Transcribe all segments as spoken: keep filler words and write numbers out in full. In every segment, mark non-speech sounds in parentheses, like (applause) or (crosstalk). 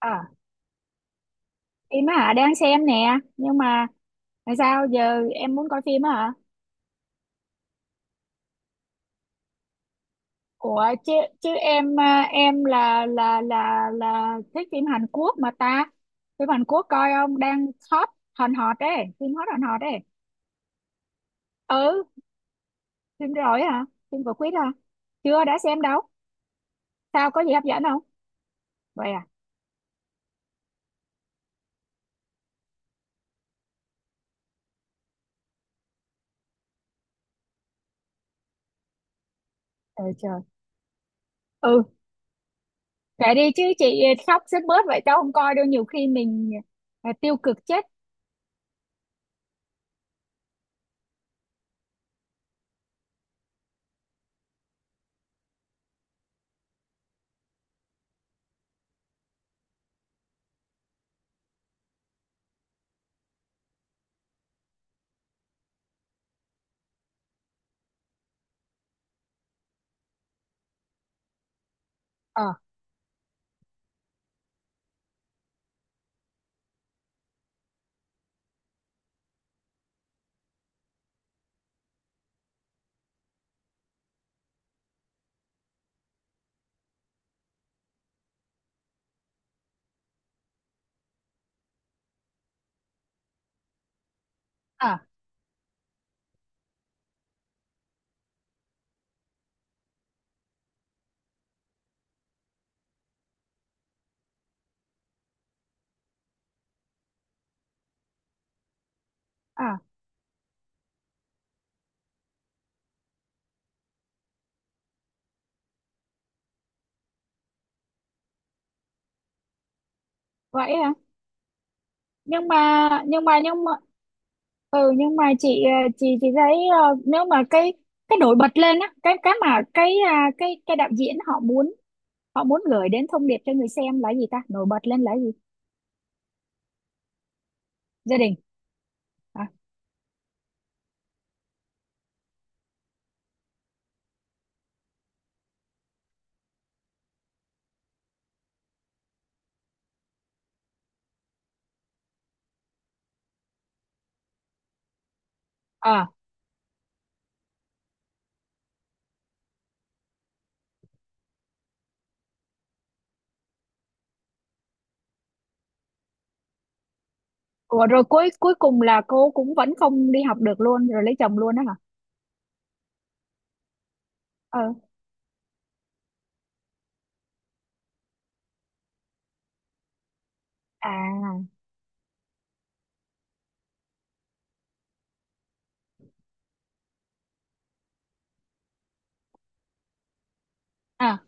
À, phim á hả? Đang xem nè. Nhưng mà tại sao giờ em muốn coi phim á hả? Ủa chứ chứ em à, em là là là là thích phim Hàn Quốc mà ta. Phim Hàn Quốc coi không? Đang hot hòn hot đấy, phim hot hòn hot đấy. Ừ, phim rồi hả? Phim của Quýt hả? Chưa đã xem đâu. Sao có gì hấp dẫn không? Vậy à? Trời trời. Ừ, kệ đi chứ chị, khóc sướt mướt vậy tao không coi đâu, nhiều khi mình à, tiêu cực chết. Ờ, à à vậy hả? nhưng mà nhưng mà nhưng mà ừ, nhưng mà chị ờ, chị chị thấy ờ, nếu mà cái cái nổi bật lên á, cái cái mà cái à, cái cái đạo diễn họ muốn, họ muốn gửi đến thông điệp cho người xem là gì ta, nổi bật lên là gì? Gia đình à? À, ủa, rồi cuối cuối cùng là cô cũng vẫn không đi học được luôn, rồi lấy chồng luôn đó hả? Ờ. À à.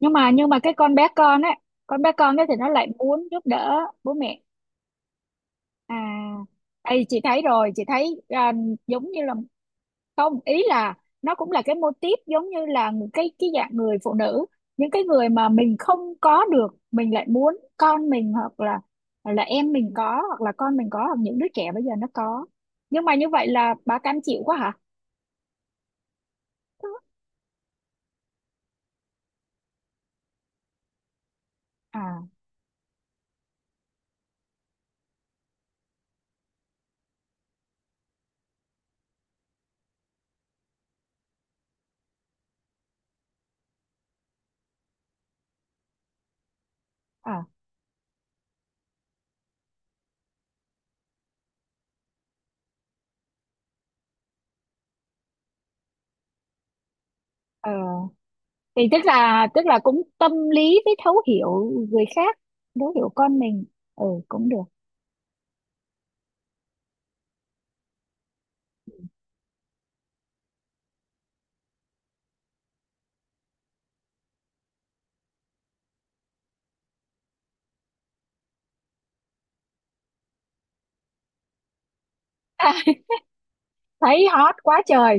Nhưng mà nhưng mà cái con bé con á, con bé con ấy thì nó lại muốn giúp đỡ bố mẹ à? Đây, chị thấy rồi, chị thấy à, giống như là, không, ý là nó cũng là cái mô típ giống như là một cái cái dạng người phụ nữ, những cái người mà mình không có được, mình lại muốn con mình, hoặc là, hoặc là em mình có, hoặc là con mình có, hoặc những đứa trẻ bây giờ nó có. Nhưng mà như vậy là bà cam chịu quá hả? À à. Ờ. Thì tức là tức là cũng tâm lý với thấu hiểu người khác, thấu hiểu con mình, ừ cũng được. (laughs) Thấy hot quá trời.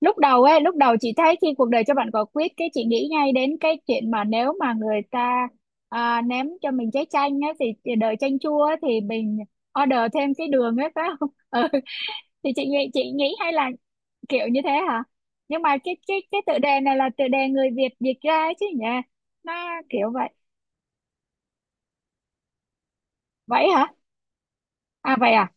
lúc đầu ấy Lúc đầu chị thấy khi cuộc đời cho bạn quả quýt, cái chị nghĩ ngay đến cái chuyện mà nếu mà người ta à, ném cho mình trái chanh á, thì thì đời chanh chua á, thì mình order thêm cái đường ấy phải không? (laughs) Ừ, thì chị nghĩ chị nghĩ hay là kiểu như thế hả? Nhưng mà cái cái cái tựa đề này là tựa đề người Việt dịch ra chứ nhỉ, nó kiểu vậy. Vậy hả? À vậy à.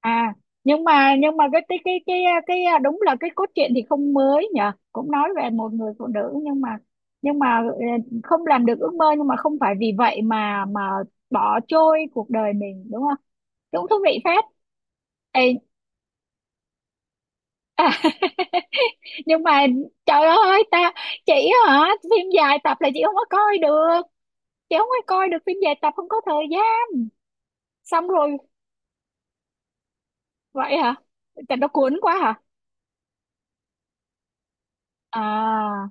À. Nhưng mà nhưng mà cái cái cái cái cái à, đúng là cái cốt truyện thì không mới nhở, cũng nói về một người phụ nữ, nhưng mà nhưng mà ờ, không làm được ước mơ, nhưng mà không phải vì vậy mà mà bỏ trôi cuộc đời mình đúng không? Cũng thú vị phết. Ê. (laughs) Nhưng mà trời ơi ta. Chị, hả, phim dài tập là chị không có coi được, chị không có coi được phim dài tập, không có thời gian. Xong rồi, vậy hả, tại nó cuốn quá hả? À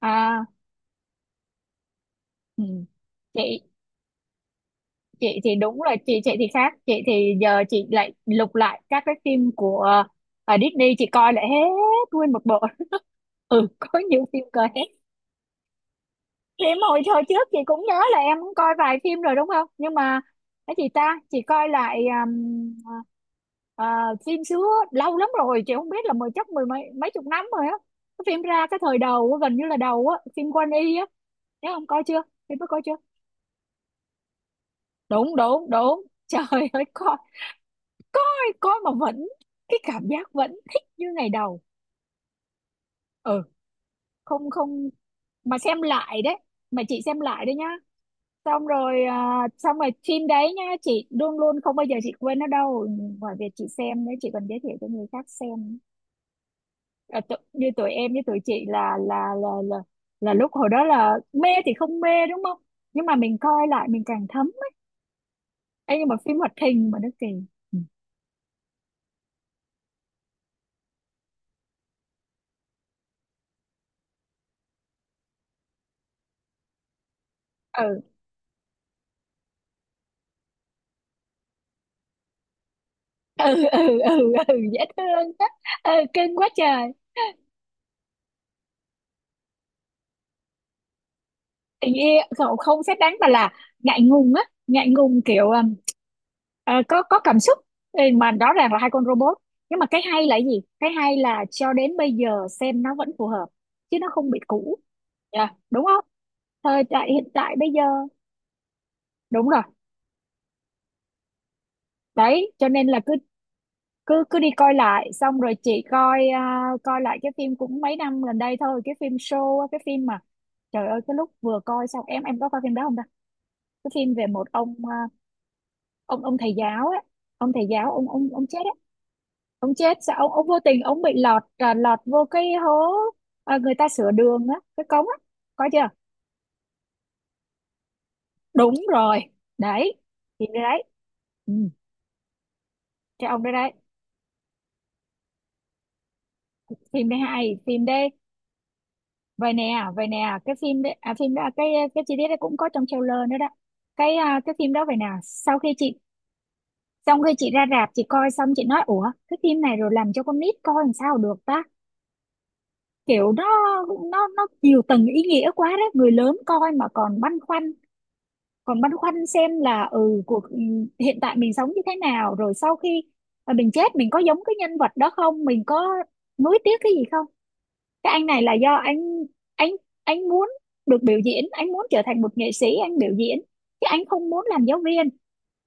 à. Ừ. Chị chị thì đúng là chị chị thì khác, chị thì giờ chị lại lục lại các cái phim của ờ, Disney, chị coi lại hết nguyên một bộ. Ừ, (laughs) có nhiều phim coi hết. Em hồi hồi trước chị cũng nhớ là em cũng coi vài phim rồi đúng không, nhưng mà cái gì ta chị coi lại, um, ờ, phim xưa. Lâu lắm rồi chị không biết là mười, chắc mười mấy, mấy chục năm rồi á, cái phim ra cái thời đầu á, gần như là đầu á, phim Quan Y á, nhớ không, coi chưa? Phim đó coi chưa? Đúng đúng đúng. (laughs) Trời ơi, coi coi, coi, mà vẫn cái cảm giác vẫn thích như ngày đầu. Ừ. Không không, mà xem lại đấy, mà chị xem lại đấy nhá. Xong rồi à, xong rồi phim đấy nhá, chị luôn luôn không bao giờ chị quên nó đâu. Ngoài việc chị xem đấy, chị còn giới thiệu cho người khác xem. À, tụ, như tụi em với tụi chị là là là là là lúc hồi đó là mê thì không mê đúng không, nhưng mà mình coi lại mình càng thấm. Ấy, nhưng mà phim hoạt hình mà nó kỳ. Ừ ừ ừ ừ, ừ, ừ, dễ thương á. Ừ cưng quá trời. Tình yêu cậu không xét đánh mà là ngại ngùng á, ngại ngùng kiểu um, ờ, có có cảm xúc. Ừ, mà rõ ràng là hai con robot. Nhưng mà cái hay là cái gì, cái hay là cho đến bây giờ xem nó vẫn phù hợp, chứ nó không bị cũ. Dạ, đúng không, thời đại hiện tại bây giờ. Đúng rồi. Đấy cho nên là cứ cứ cứ đi coi lại. Xong rồi chị coi à, coi lại cái phim cũng mấy năm gần đây thôi, cái phim show á, cái phim mà trời ơi cái lúc vừa coi xong, em em có coi phim đó không ta? Cái phim về một ông à, ông ông thầy giáo ấy, ông thầy giáo ông ông ông chết ấy, ông chết sao, ông ông vô tình ông bị lọt à, lọt vô cái hố. À, người ta sửa đường á, cái cống á, có chưa? Đúng rồi đấy, phim đấy đấy. Ừ. Cái ông đấy đấy, phim đấy hay phim đấy. Vậy nè, vậy nè, cái phim đấy à, phim đó, cái cái chi tiết đấy cũng có trong trailer nữa đó. Cái à, cái phim đó vậy nè, sau khi chị xong, khi chị ra rạp chị coi xong chị nói ủa, cái phim này rồi làm cho con nít coi làm sao được ta? Kiểu nó, nó nó nhiều tầng ý nghĩa quá đấy, người lớn coi mà còn băn khoăn, còn băn khoăn xem là ừ, cuộc ừ, hiện tại mình sống như thế nào, rồi sau khi mà mình chết mình có giống cái nhân vật đó không, mình có nuối tiếc cái gì không. Cái anh này là do anh anh anh muốn được biểu diễn, anh muốn trở thành một nghệ sĩ, anh biểu diễn chứ anh không muốn làm giáo viên.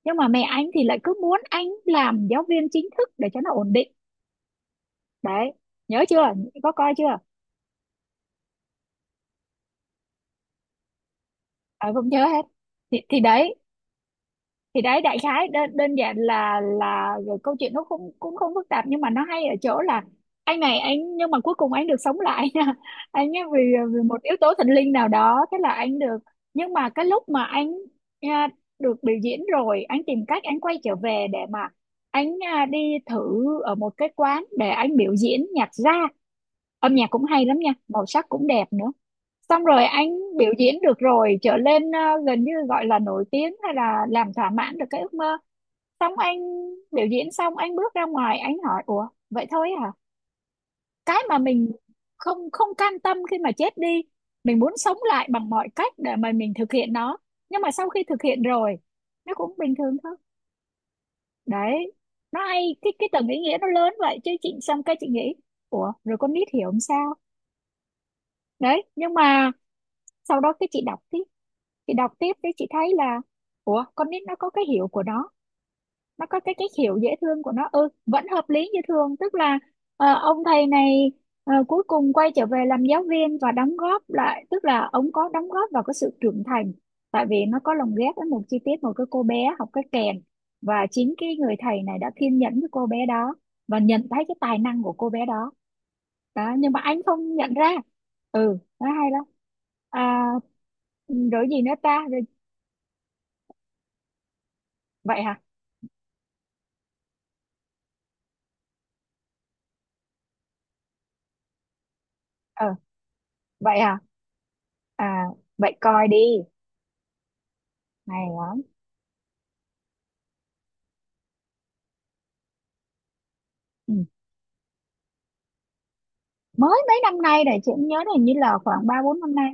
Nhưng mà mẹ anh thì lại cứ muốn anh làm giáo viên chính thức để cho nó ổn định. Đấy, nhớ chưa, có coi chưa? À, không nhớ hết. thì, thì đấy, thì đấy, đại khái đơn, đơn giản là là rồi câu chuyện nó cũng cũng không phức tạp, nhưng mà nó hay ở chỗ là anh này anh, nhưng mà cuối cùng anh được sống lại (laughs) nha. Anh ấy vì, vì một yếu tố thần linh nào đó, thế là anh được. Nhưng mà cái lúc mà anh à, được biểu diễn rồi, anh tìm cách anh quay trở về để mà anh à, đi thử ở một cái quán để anh biểu diễn nhạc ra. Âm nhạc cũng hay lắm nha, màu sắc cũng đẹp nữa. Xong rồi anh biểu diễn được rồi, trở lên ờ, gần như gọi là nổi tiếng, hay là làm thỏa mãn được cái ước mơ. Xong anh biểu diễn xong, anh bước ra ngoài, anh hỏi ủa vậy thôi hả? Cái mà mình không không cam tâm khi mà chết đi, mình muốn sống lại bằng mọi cách để mà mình thực hiện nó. Nhưng mà sau khi thực hiện rồi, nó cũng bình thường thôi. Đấy. Nó hay, cái cái tầng ý nghĩa nó lớn vậy. Chứ chị xong, cái chị nghĩ ủa rồi con nít hiểu không sao. Đấy, nhưng mà sau đó cái chị đọc tiếp, thì đọc tiếp thì chị thấy là ủa con nít nó có cái hiểu của nó nó có cái cách hiểu dễ thương của nó, ừ vẫn hợp lý như thường. Tức là ờ, ông thầy này ờ, cuối cùng quay trở về làm giáo viên và đóng góp lại, tức là ông có đóng góp vào cái sự trưởng thành. Tại vì nó có lồng ghép với một chi tiết, một cái cô bé học cái kèn, và chính cái người thầy này đã kiên nhẫn với cô bé đó, và nhận thấy cái tài năng của cô bé đó đó. Nhưng mà anh không nhận ra. Ừ nó hay lắm. À, ừ, rồi gì nữa ta. Rồi, vậy hả. Ờ, vậy à. À, vậy coi đi, hay lắm. Ừ. Mới mấy năm nay này, chị cũng nhớ là hình như là khoảng ba bốn năm nay.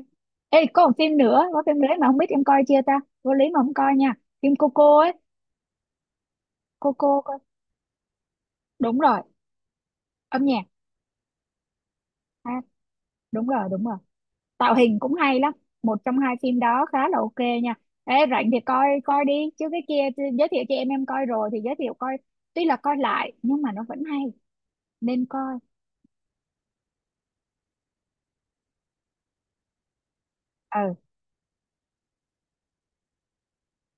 Ê, có một phim nữa, có phim đấy mà không biết em coi chưa ta, vô lý mà không coi nha, phim Coco ấy. Coco coi. Đúng rồi, âm nhạc. À, đúng rồi đúng rồi. Tạo hình cũng hay lắm. Một trong hai phim đó khá là ok nha. Ê rảnh thì coi coi đi. Chứ cái kia thì giới thiệu cho em em coi rồi, thì giới thiệu coi, tuy là coi lại nhưng mà nó vẫn hay, nên coi. Ờ,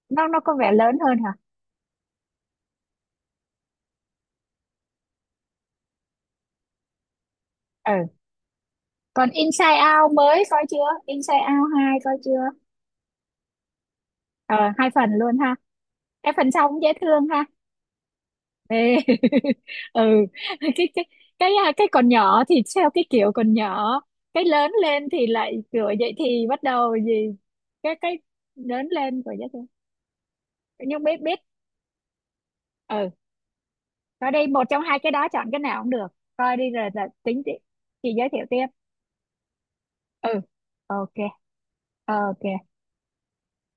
nó nó có vẻ lớn hơn hả? Ừ, còn Inside Out mới coi chưa, Inside Out hai coi chưa? Ờ, hai phần luôn ha. Cái phần sau cũng dễ thương ha. Ê. (laughs) Ừ. Cái cái cái à, cái còn nhỏ thì theo cái kiểu còn nhỏ, cái lớn lên thì lại kiểu vậy thì bắt đầu gì. Cái cái Lớn lên của dễ thương. Nhưng biết biết. Ừ, coi đi, một trong hai cái đó chọn cái nào cũng được. Coi đi rồi là tính tiếp, chị giới thiệu tiếp. Ừ, ok. Ok.